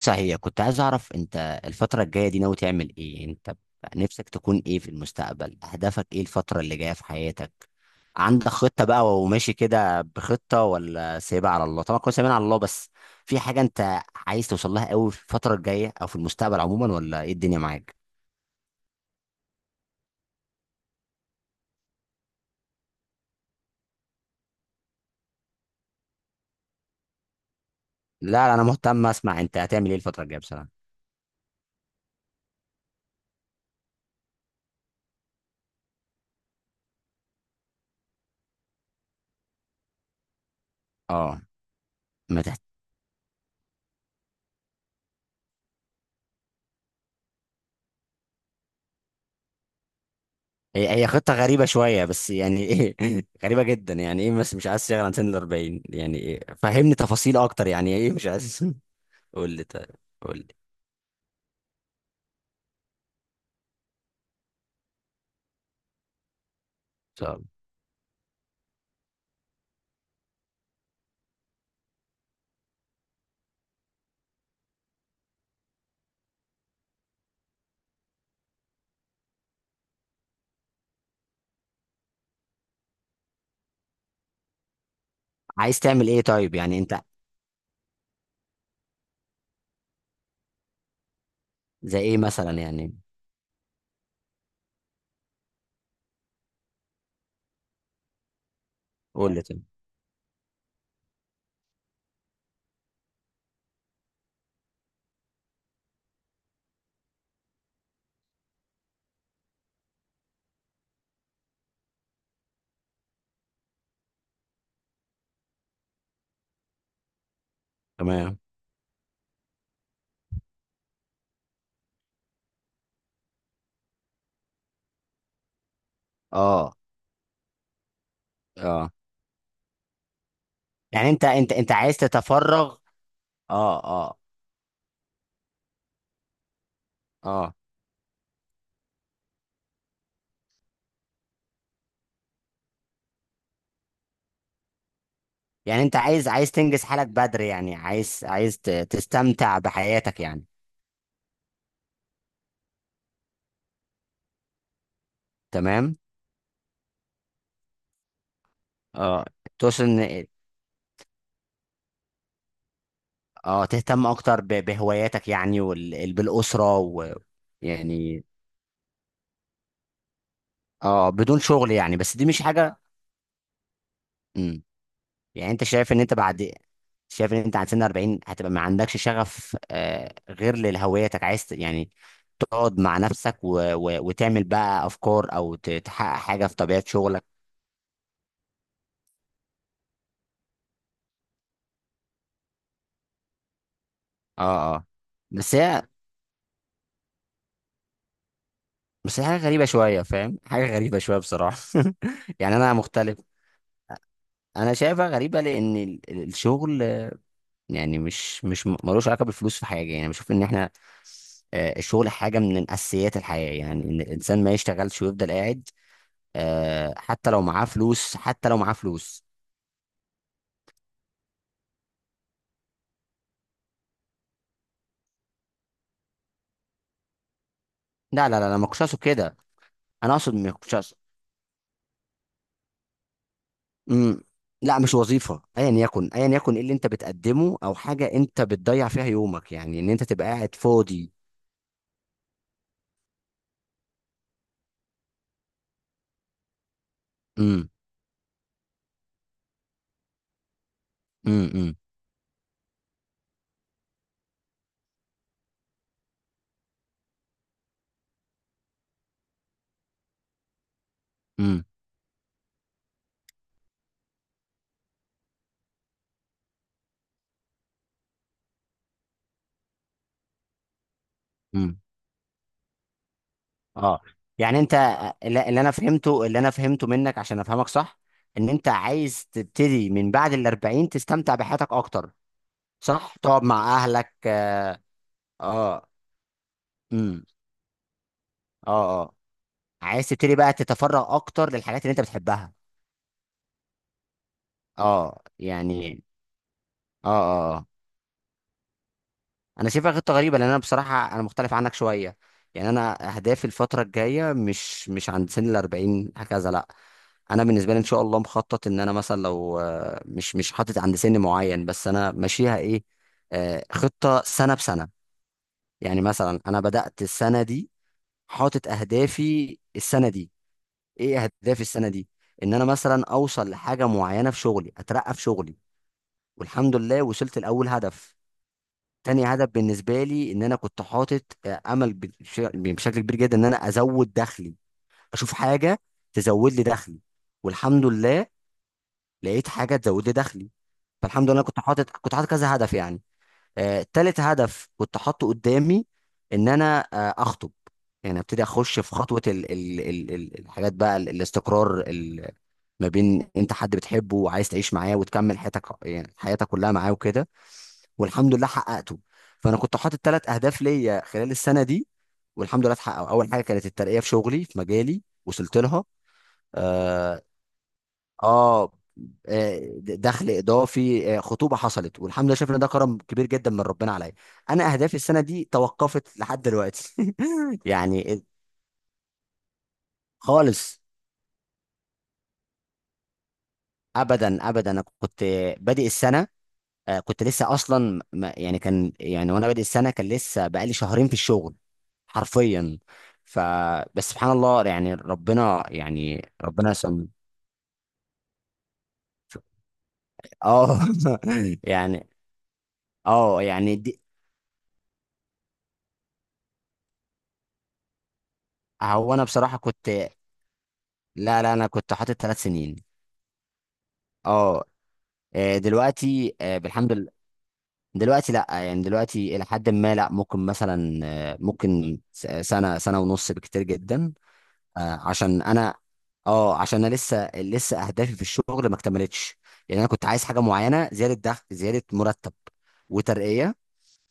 صحيح، كنت عايز اعرف انت الفترة الجاية دي ناوي تعمل ايه؟ انت نفسك تكون ايه في المستقبل؟ اهدافك ايه الفترة اللي جاية في حياتك؟ عندك خطة بقى وماشي كده بخطة، ولا سايبها على الله؟ طبعا كنا سايبين على الله، بس في حاجة انت عايز توصل لها قوي في الفترة الجاية او في المستقبل عموما، ولا ايه الدنيا معاك؟ لا لا، انا مهتم اسمع انت هتعمل ايه الفترة الجاية بصراحة. اه. ما تحت. هي خطة غريبة شوية، بس يعني ايه غريبة جدا، يعني ايه؟ بس مش عايز تشتغل عن سن ال 40؟ يعني إيه؟ فهمني تفاصيل اكتر، يعني ايه مش عايز؟ قول لي طيب. قول لي ان شاء الله عايز تعمل ايه طيب يعني انت؟ زي ايه مثلا يعني؟ قول لي طيب. تمام. اه اه. يعني انت عايز تتفرغ؟ اه اه اه. يعني انت عايز تنجز حالك بدري، يعني عايز تستمتع بحياتك يعني. تمام. اه. تقصد ان، اه تهتم اكتر بهواياتك يعني وبالاسره و، يعني اه بدون شغل يعني؟ بس دي مش حاجه. مم. يعني انت شايف ان انت بعد، شايف ان انت عند سن 40 هتبقى ما عندكش شغف، غير لهويتك؟ عايز يعني تقعد مع نفسك و... و... وتعمل بقى افكار، او تحقق حاجه في طبيعه شغلك. اه اه. بس هي، بس هي حاجه غريبه شويه، فاهم؟ حاجه غريبه شويه بصراحه. يعني انا مختلف. انا شايفها غريبه لان الشغل، يعني مش مش م- ملوش علاقه بالفلوس في حاجه. يعني بشوف ان احنا، الشغل حاجه من اساسيات الحياه، يعني ان الانسان ما يشتغلش ويفضل قاعد، حتى لو معاه فلوس، حتى لو معاه فلوس. لا لا لا لا، ما كنتش اقصد كده. انا اقصد، ما كنتش اقصد. امم. لا مش وظيفه، ايا يكن ايا يكن ايه اللي انت بتقدمه، او حاجه انت بتضيع فيها يومك، يعني ان انت تبقى قاعد فاضي. امم، امم. امم، امم. امم. اه يعني انت، اللي انا فهمته، اللي انا فهمته منك عشان افهمك صح، ان انت عايز تبتدي من بعد الأربعين تستمتع بحياتك اكتر. صح، تقعد مع اهلك. اه، امم. اه آه. عايز تبتدي بقى تتفرغ اكتر للحاجات اللي انت بتحبها. اه يعني. اه، اه آه. انا شايفها خطه غريبه، لان انا بصراحه انا مختلف عنك شويه. يعني انا اهدافي الفتره الجايه مش عند سن ال 40 هكذا، لا. انا بالنسبه لي ان شاء الله مخطط ان انا مثلا، لو مش حاطط عند سن معين، بس انا ماشيها ايه، خطه سنه بسنه. يعني مثلا انا بدات السنه دي، حاطط اهدافي السنه دي. ايه اهدافي السنه دي؟ ان انا مثلا اوصل لحاجه معينه في شغلي، اترقى في شغلي. والحمد لله وصلت لاول هدف. تاني هدف بالنسبه لي، ان انا كنت حاطط امل بشكل كبير جدا ان انا ازود دخلي، اشوف حاجه تزود لي دخلي. والحمد لله لقيت حاجه تزود لي دخلي. فالحمد لله كنت حاطط كذا هدف يعني. تالت هدف كنت حاطه قدامي، ان انا اخطب. يعني ابتدي اخش في خطوه الحاجات بقى، الاستقرار، ما بين انت حد بتحبه وعايز تعيش معاه وتكمل حياتك، يعني حياتك كلها معاه وكده. والحمد لله حققته. فانا كنت حاطط ثلاث اهداف ليا خلال السنه دي، والحمد لله اتحققوا. اول حاجه كانت الترقيه في شغلي في مجالي، وصلت لها. اه، آه. دخل اضافي، خطوبه حصلت. والحمد لله شايف ان ده كرم كبير جدا من ربنا عليا. انا اهدافي السنه دي توقفت لحد دلوقتي يعني. خالص. ابدا ابدا. انا كنت بادئ السنه، كنت لسه اصلا يعني كان يعني، وانا بادئ السنه كان لسه بقالي شهرين في الشغل حرفيا. ف، بس سبحان الله، يعني ربنا، يعني ربنا سم. اه يعني. اه يعني دي. هو انا بصراحه كنت، لا لا انا كنت حاطط 3 سنين. اه. دلوقتي بالحمد لله. دلوقتي لا، يعني دلوقتي الى حد ما، لا، ممكن مثلا ممكن سنه، سنه ونص بكتير جدا. عشان انا، اه عشان انا لسه اهدافي في الشغل ما اكتملتش. يعني انا كنت عايز حاجه معينه، زياده دخل، زياده مرتب، وترقيه.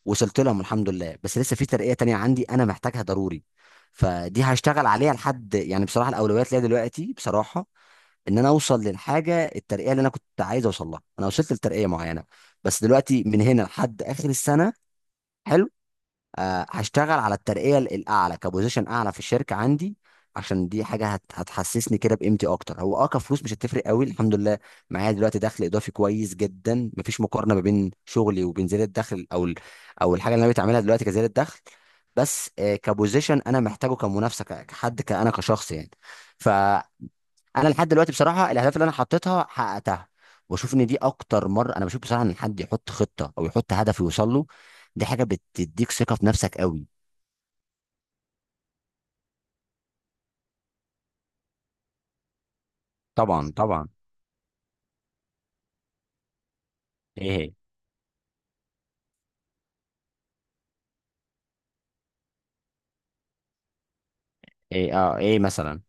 وصلت لهم الحمد لله، بس لسه في ترقيه تانية عندي انا محتاجها ضروري، فدي هشتغل عليها لحد يعني بصراحه. الاولويات ليا دلوقتي بصراحه ان انا اوصل للحاجه الترقيه اللي انا كنت عايز اوصل لها. انا وصلت لترقيه معينه، بس دلوقتي من هنا لحد اخر السنه، حلو، هشتغل على الترقية الأعلى، كبوزيشن أعلى في الشركة عندي. عشان دي حاجة هتحسسني كده بقيمتي أكتر. هو كفلوس مش هتفرق قوي الحمد لله، معايا دلوقتي دخل إضافي كويس جدا. مفيش مقارنة ما بين شغلي وبين زيادة الدخل، أو أو الحاجة اللي أنا بتعملها دلوقتي كزيادة دخل. بس كبوزيشن أنا محتاجه كمنافسة، كحد، أنا كشخص يعني. ف، انا لحد دلوقتي بصراحه الاهداف اللي انا حطيتها حققتها. واشوف ان دي اكتر مره انا بشوف بصراحه ان حد يحط خطه او يحط هدف يوصل له. دي حاجه بتديك ثقه في نفسك قوي. طبعا، طبعا. ايه، ايه، اه، ايه مثلا؟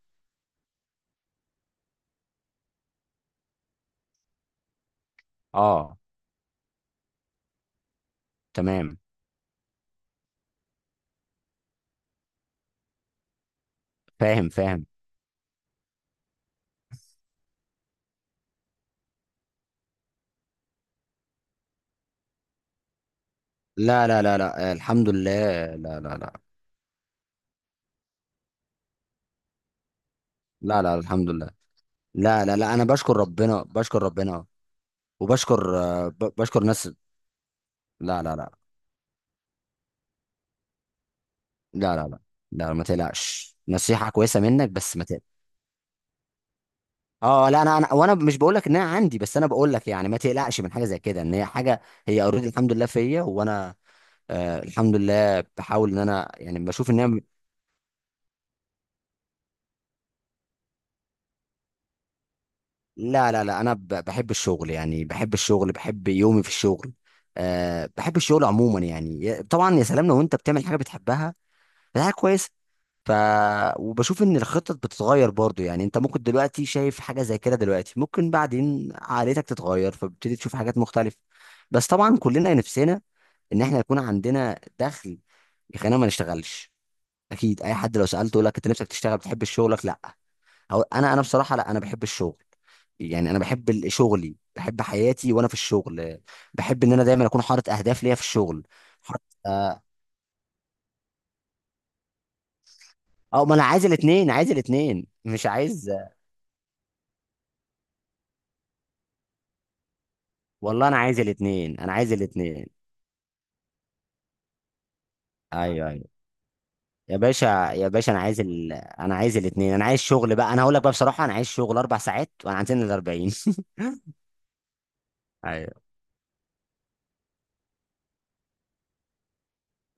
اه، تمام. فاهم فاهم. لا لا لا لا، الحمد لله. لا لا لا لا. لا، الحمد لله. لا لا لا، انا بشكر ربنا، بشكر ربنا. وبشكر آه، ب- بشكر ناس. لا لا لا. لا لا لا لا ما تقلقش، نصيحة كويسة منك، بس ما تقلقش. اه لا، انا وانا مش بقول لك ان انا عندي، بس انا بقول لك يعني ما تقلقش من حاجه زي كده، ان هي حاجه. هي اوريدي الحمد لله فيا. وانا الحمد لله بحاول ان انا يعني بشوف ان انا. لا لا لا، انا بحب الشغل، يعني بحب الشغل، بحب يومي في الشغل. بحب الشغل عموما، يعني، طبعا يا سلام لو انت بتعمل حاجه بتحبها، ده حاجه كويسه. ف، وبشوف ان الخطط بتتغير برضو، يعني انت ممكن دلوقتي شايف حاجه زي كده، دلوقتي ممكن بعدين عقليتك تتغير، فبتبتدي تشوف حاجات مختلفه. بس طبعا كلنا نفسنا ان احنا يكون عندنا دخل يخلينا ما نشتغلش. اكيد اي حد لو سالته يقول لك انت نفسك تشتغل بتحب شغلك؟ لا. أو انا، انا بصراحه لا، انا بحب الشغل. يعني انا بحب شغلي، بحب حياتي وانا في الشغل. بحب ان انا دايما اكون حاطط اهداف ليا في الشغل، حاطط. اه. أو ما انا عايز الاثنين، عايز الاثنين، مش عايز. والله انا عايز الاثنين، انا عايز الاثنين. ايوه، ايوه. يا باشا. يا باشا، انا عايز الاثنين، انا عايز شغل بقى. انا هقول لك بقى بصراحه، انا عايز شغل 4 ساعات وانا عندنا ال 40. ايوه.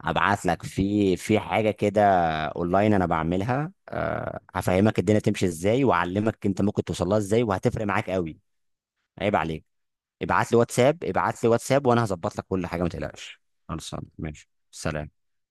هبعت لك في حاجه كده اونلاين انا بعملها. هفهمك الدنيا تمشي ازاي، واعلمك انت ممكن توصل لها ازاي، وهتفرق معاك قوي. عيب عليك. ابعت لي واتساب، ابعت لي واتساب، وانا هظبط لك كل حاجه ما تقلقش. خلصان ماشي سلام.